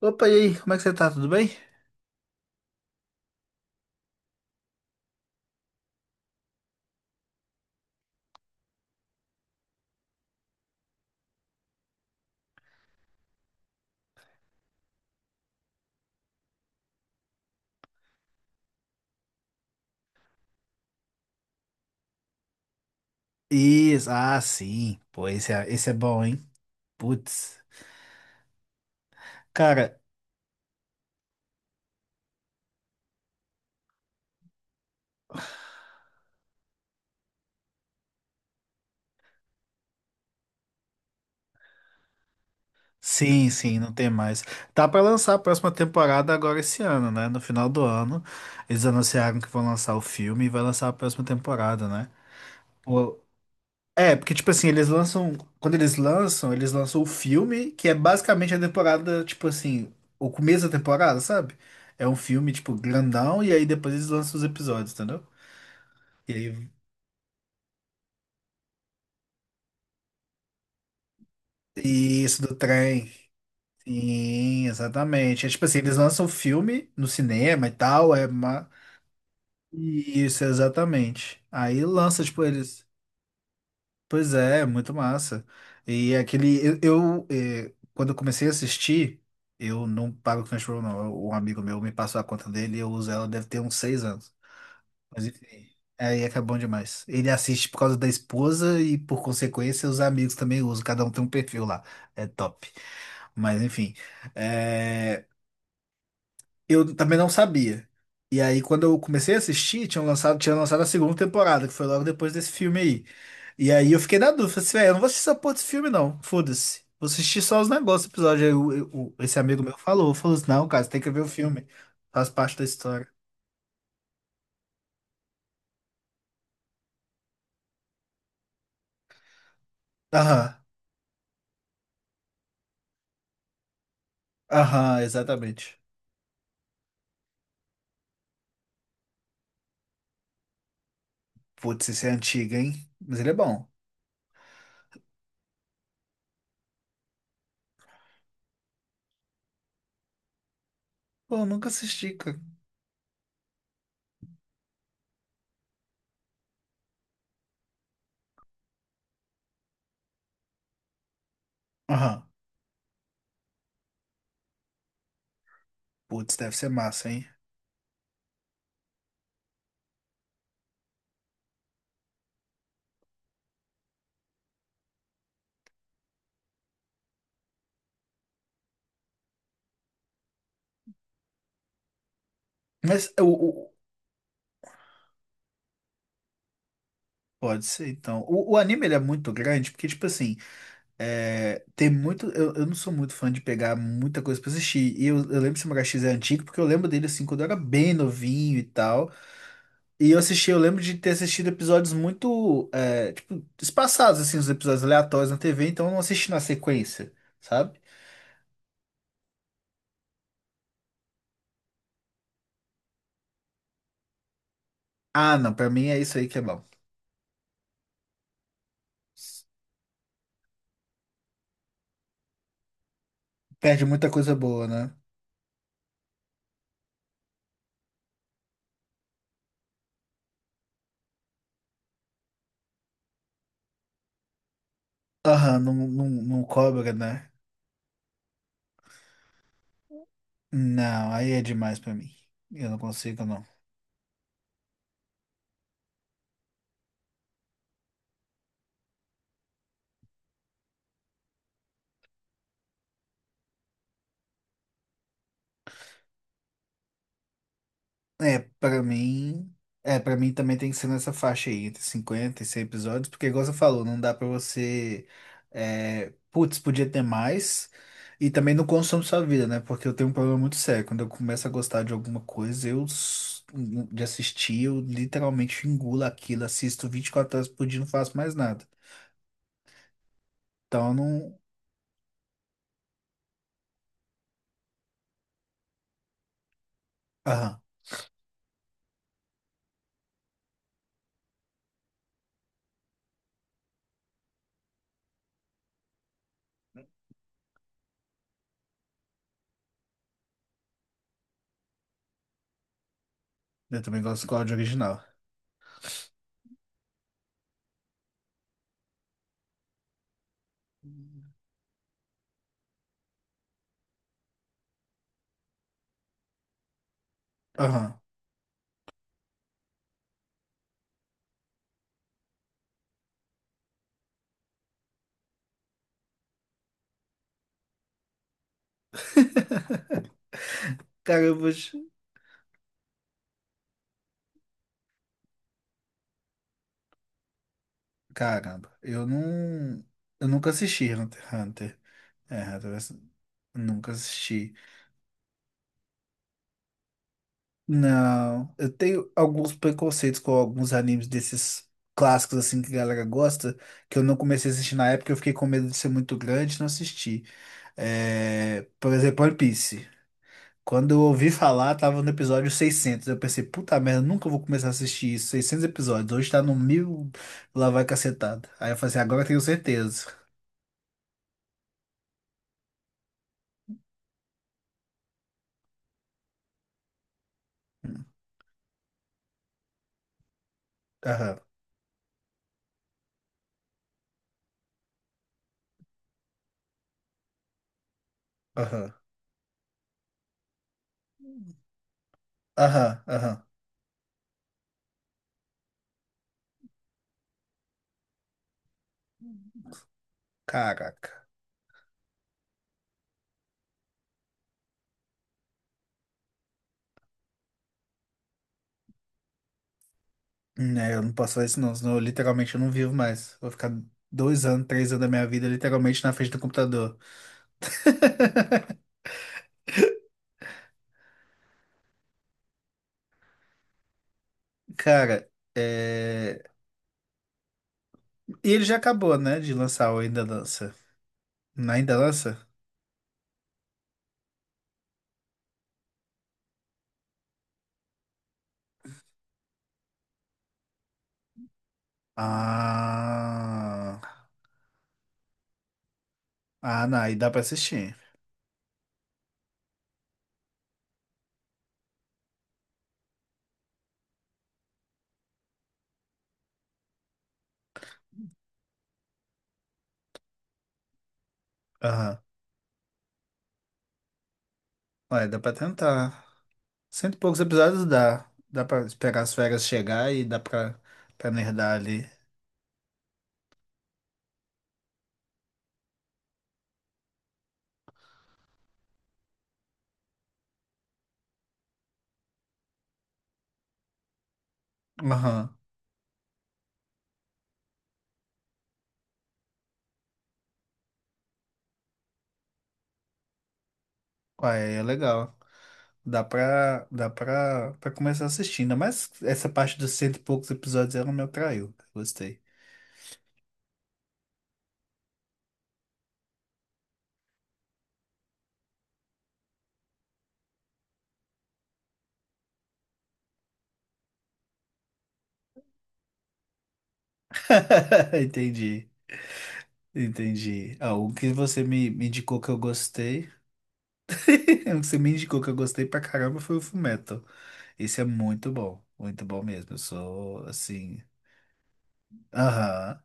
Opa, e aí, como é que você tá? Tudo bem? Isso, ah, sim. Pô, esse é bom, hein? Putz. Cara, sim, sim, não tem mais. Tá pra lançar a próxima temporada agora esse ano, né? No final do ano, eles anunciaram que vão lançar o filme e vai lançar a próxima temporada, né? Pô, é, porque, tipo assim, eles lançam. Quando eles lançam o filme, que é basicamente a temporada, tipo assim, o começo da temporada, sabe? É um filme, tipo, grandão, e aí depois eles lançam os episódios, entendeu? E aí isso, do trem. Sim, exatamente. É tipo assim, eles lançam o filme no cinema e tal, é ma... Isso, exatamente. Aí lança, tipo, eles. Pois é, muito massa. E aquele. Quando eu comecei a assistir, eu não pago o Crunchyroll, não. Um amigo meu me passou a conta dele e eu uso ela, deve ter uns 6 anos. Mas enfim, aí é que é bom demais. Ele assiste por causa da esposa e, por consequência, os amigos também usam. Cada um tem um perfil lá. É top. Mas enfim, é, eu também não sabia. E aí, quando eu comecei a assistir, tinha lançado a segunda temporada, que foi logo depois desse filme aí. E aí eu fiquei na dúvida, falei assim, velho, eu não vou assistir essa porra desse filme, não. Foda-se. Vou assistir só os negócios do episódio. Aí esse amigo meu falou, falou assim, não, cara, você tem que ver o filme. Faz parte da história. Aham, aham, exatamente. Putz, esse é antigo, hein? Mas ele é bom. Pô, eu nunca assisti, cara. Aham. Putz, deve ser massa, hein? Mas o, o- pode ser, então. O anime ele é muito grande, porque, tipo assim, é, tem muito. Eu não sou muito fã de pegar muita coisa pra assistir. E eu lembro que Samurai X é antigo, porque eu lembro dele assim, quando eu era bem novinho e tal. E eu assisti, eu lembro de ter assistido episódios muito, é, tipo, espaçados, assim, os episódios aleatórios na TV, então eu não assisti na sequência, sabe? Ah, não, pra mim é isso aí que é bom. Perde muita coisa boa, né? Aham, não, não, não cobra, né? Não, aí é demais pra mim. Eu não consigo, não. É, pra mim. É, pra mim também tem que ser nessa faixa aí, entre 50 e 100 episódios, porque, igual você falou, não dá pra você. É, putz, podia ter mais. E também não consome sua vida, né? Porque eu tenho um problema muito sério. Quando eu começo a gostar de alguma coisa, de assistir, eu literalmente engulo aquilo, assisto 24 horas por dia, não faço mais nada. Então, eu não. Eu também gosto do código original. Aham. Cara, eu vou. te- Caramba, eu não. Eu nunca assisti Hunter x Hunter. É, Hunter. Nunca assisti. Não, eu tenho alguns preconceitos com alguns animes desses clássicos assim que a galera gosta, que eu não comecei a assistir na época, eu fiquei com medo de ser muito grande e não assisti. É, por exemplo, One Piece. Quando eu ouvi falar, tava no episódio 600. Eu pensei, puta merda, nunca vou começar a assistir isso. 600 episódios. Hoje tá no mil, lá vai cacetada. Aí eu falei assim, agora eu tenho certeza. Hum, Aham, aham, aham, ahum. Caraca. Né, eu não posso fazer isso não, senão eu, literalmente eu não vivo mais. Vou ficar 2 anos, 3 anos da minha vida literalmente na frente do computador. Cara, é... E ele já acabou, né, de lançar o Ainda Lança. Não é Ainda Lança? Ah... Ah, não, aí dá pra assistir. Aham. Olha, dá pra tentar. Cento e poucos episódios dá. Dá pra esperar as férias chegar e pra nerdar ali. Aham. Ué, é legal. Dá pra começar assistindo. Mas essa parte dos cento e poucos episódios ela me atraiu. Gostei. Entendi. Entendi. Ah, o que você me indicou que eu gostei. O que você me indicou que eu gostei pra caramba foi o Fullmetal. Esse é muito bom. Muito bom mesmo. Eu sou assim. Aham.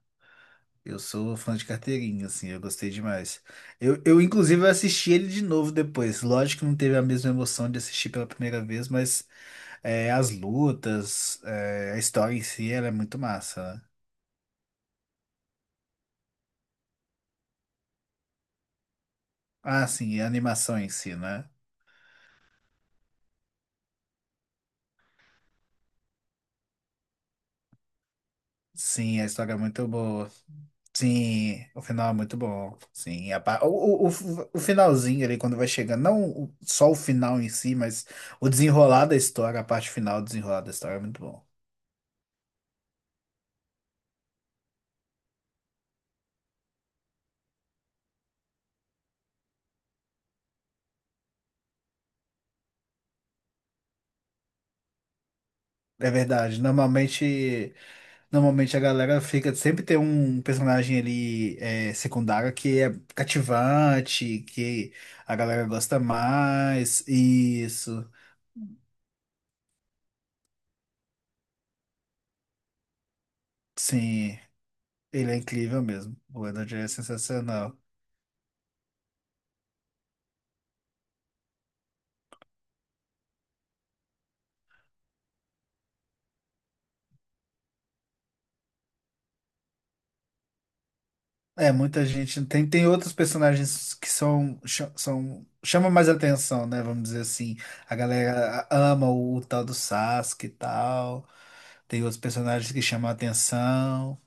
Eu sou fã de carteirinha, assim, eu gostei demais. Eu inclusive, assisti ele de novo depois. Lógico que não teve a mesma emoção de assistir pela primeira vez, mas é, as lutas, é, a história em si, ela é muito massa, né? Ah, sim, e a animação em si, né? Sim, a história é muito boa. Sim, o final é muito bom. Sim, a o finalzinho ali, quando vai chegando, não o- só o final em si, mas o desenrolar da história, a parte final do desenrolar da história é muito bom. É verdade, normalmente. Normalmente a galera fica, sempre tem um personagem ali é, secundário que é cativante, que a galera gosta mais. Isso, sim, ele é incrível mesmo. O Edward é sensacional. É, muita gente tem, tem outros personagens que são, são chamam mais atenção, né? Vamos dizer assim. A galera ama o, tal do Sasuke e tal. Tem outros personagens que chamam a atenção.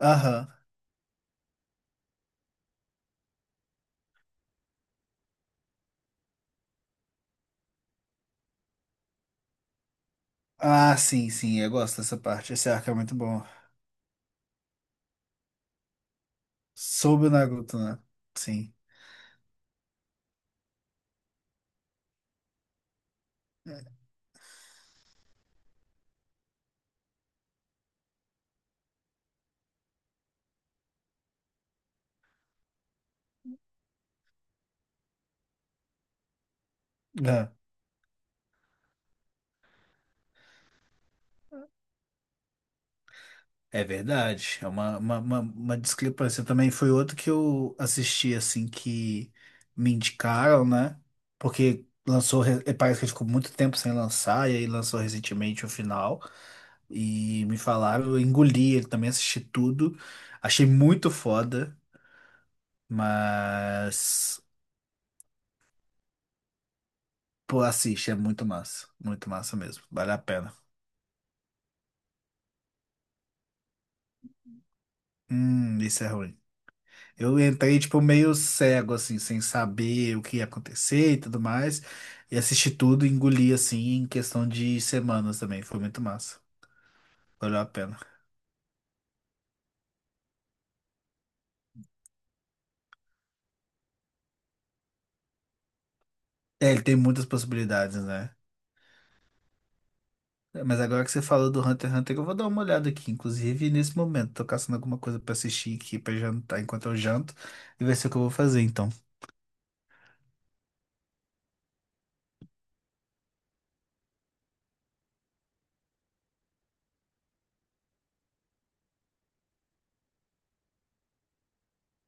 Aham. Ah, sim, sim, eu gosto dessa parte. Esse arco é muito bom. Sobre o Naruto, né? Sim. É, é verdade. É uma discrepância. Também foi outro que eu assisti, assim, que me indicaram, né? Porque lançou, e parece que ficou muito tempo sem lançar, e aí lançou recentemente o final. E me falaram, eu engoli ele também, assisti tudo. Achei muito foda, mas. Pô, assiste, é muito massa. Muito massa mesmo. Vale a pena. Isso é ruim. Eu entrei, tipo, meio cego, assim, sem saber o que ia acontecer e tudo mais. E assisti tudo e engoli, assim, em questão de semanas também. Foi muito massa. Valeu a pena. É, ele tem muitas possibilidades, né? É, mas agora que você falou do Hunter x Hunter, eu vou dar uma olhada aqui. Inclusive, nesse momento, tô caçando alguma coisa pra assistir aqui, pra jantar enquanto eu janto. E vai ser o que eu vou fazer, então.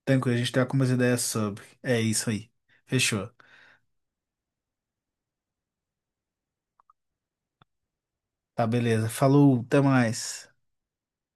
Tranquilo, a gente tem algumas ideias sobre. É isso aí. Fechou. Tá, beleza. Falou, até mais.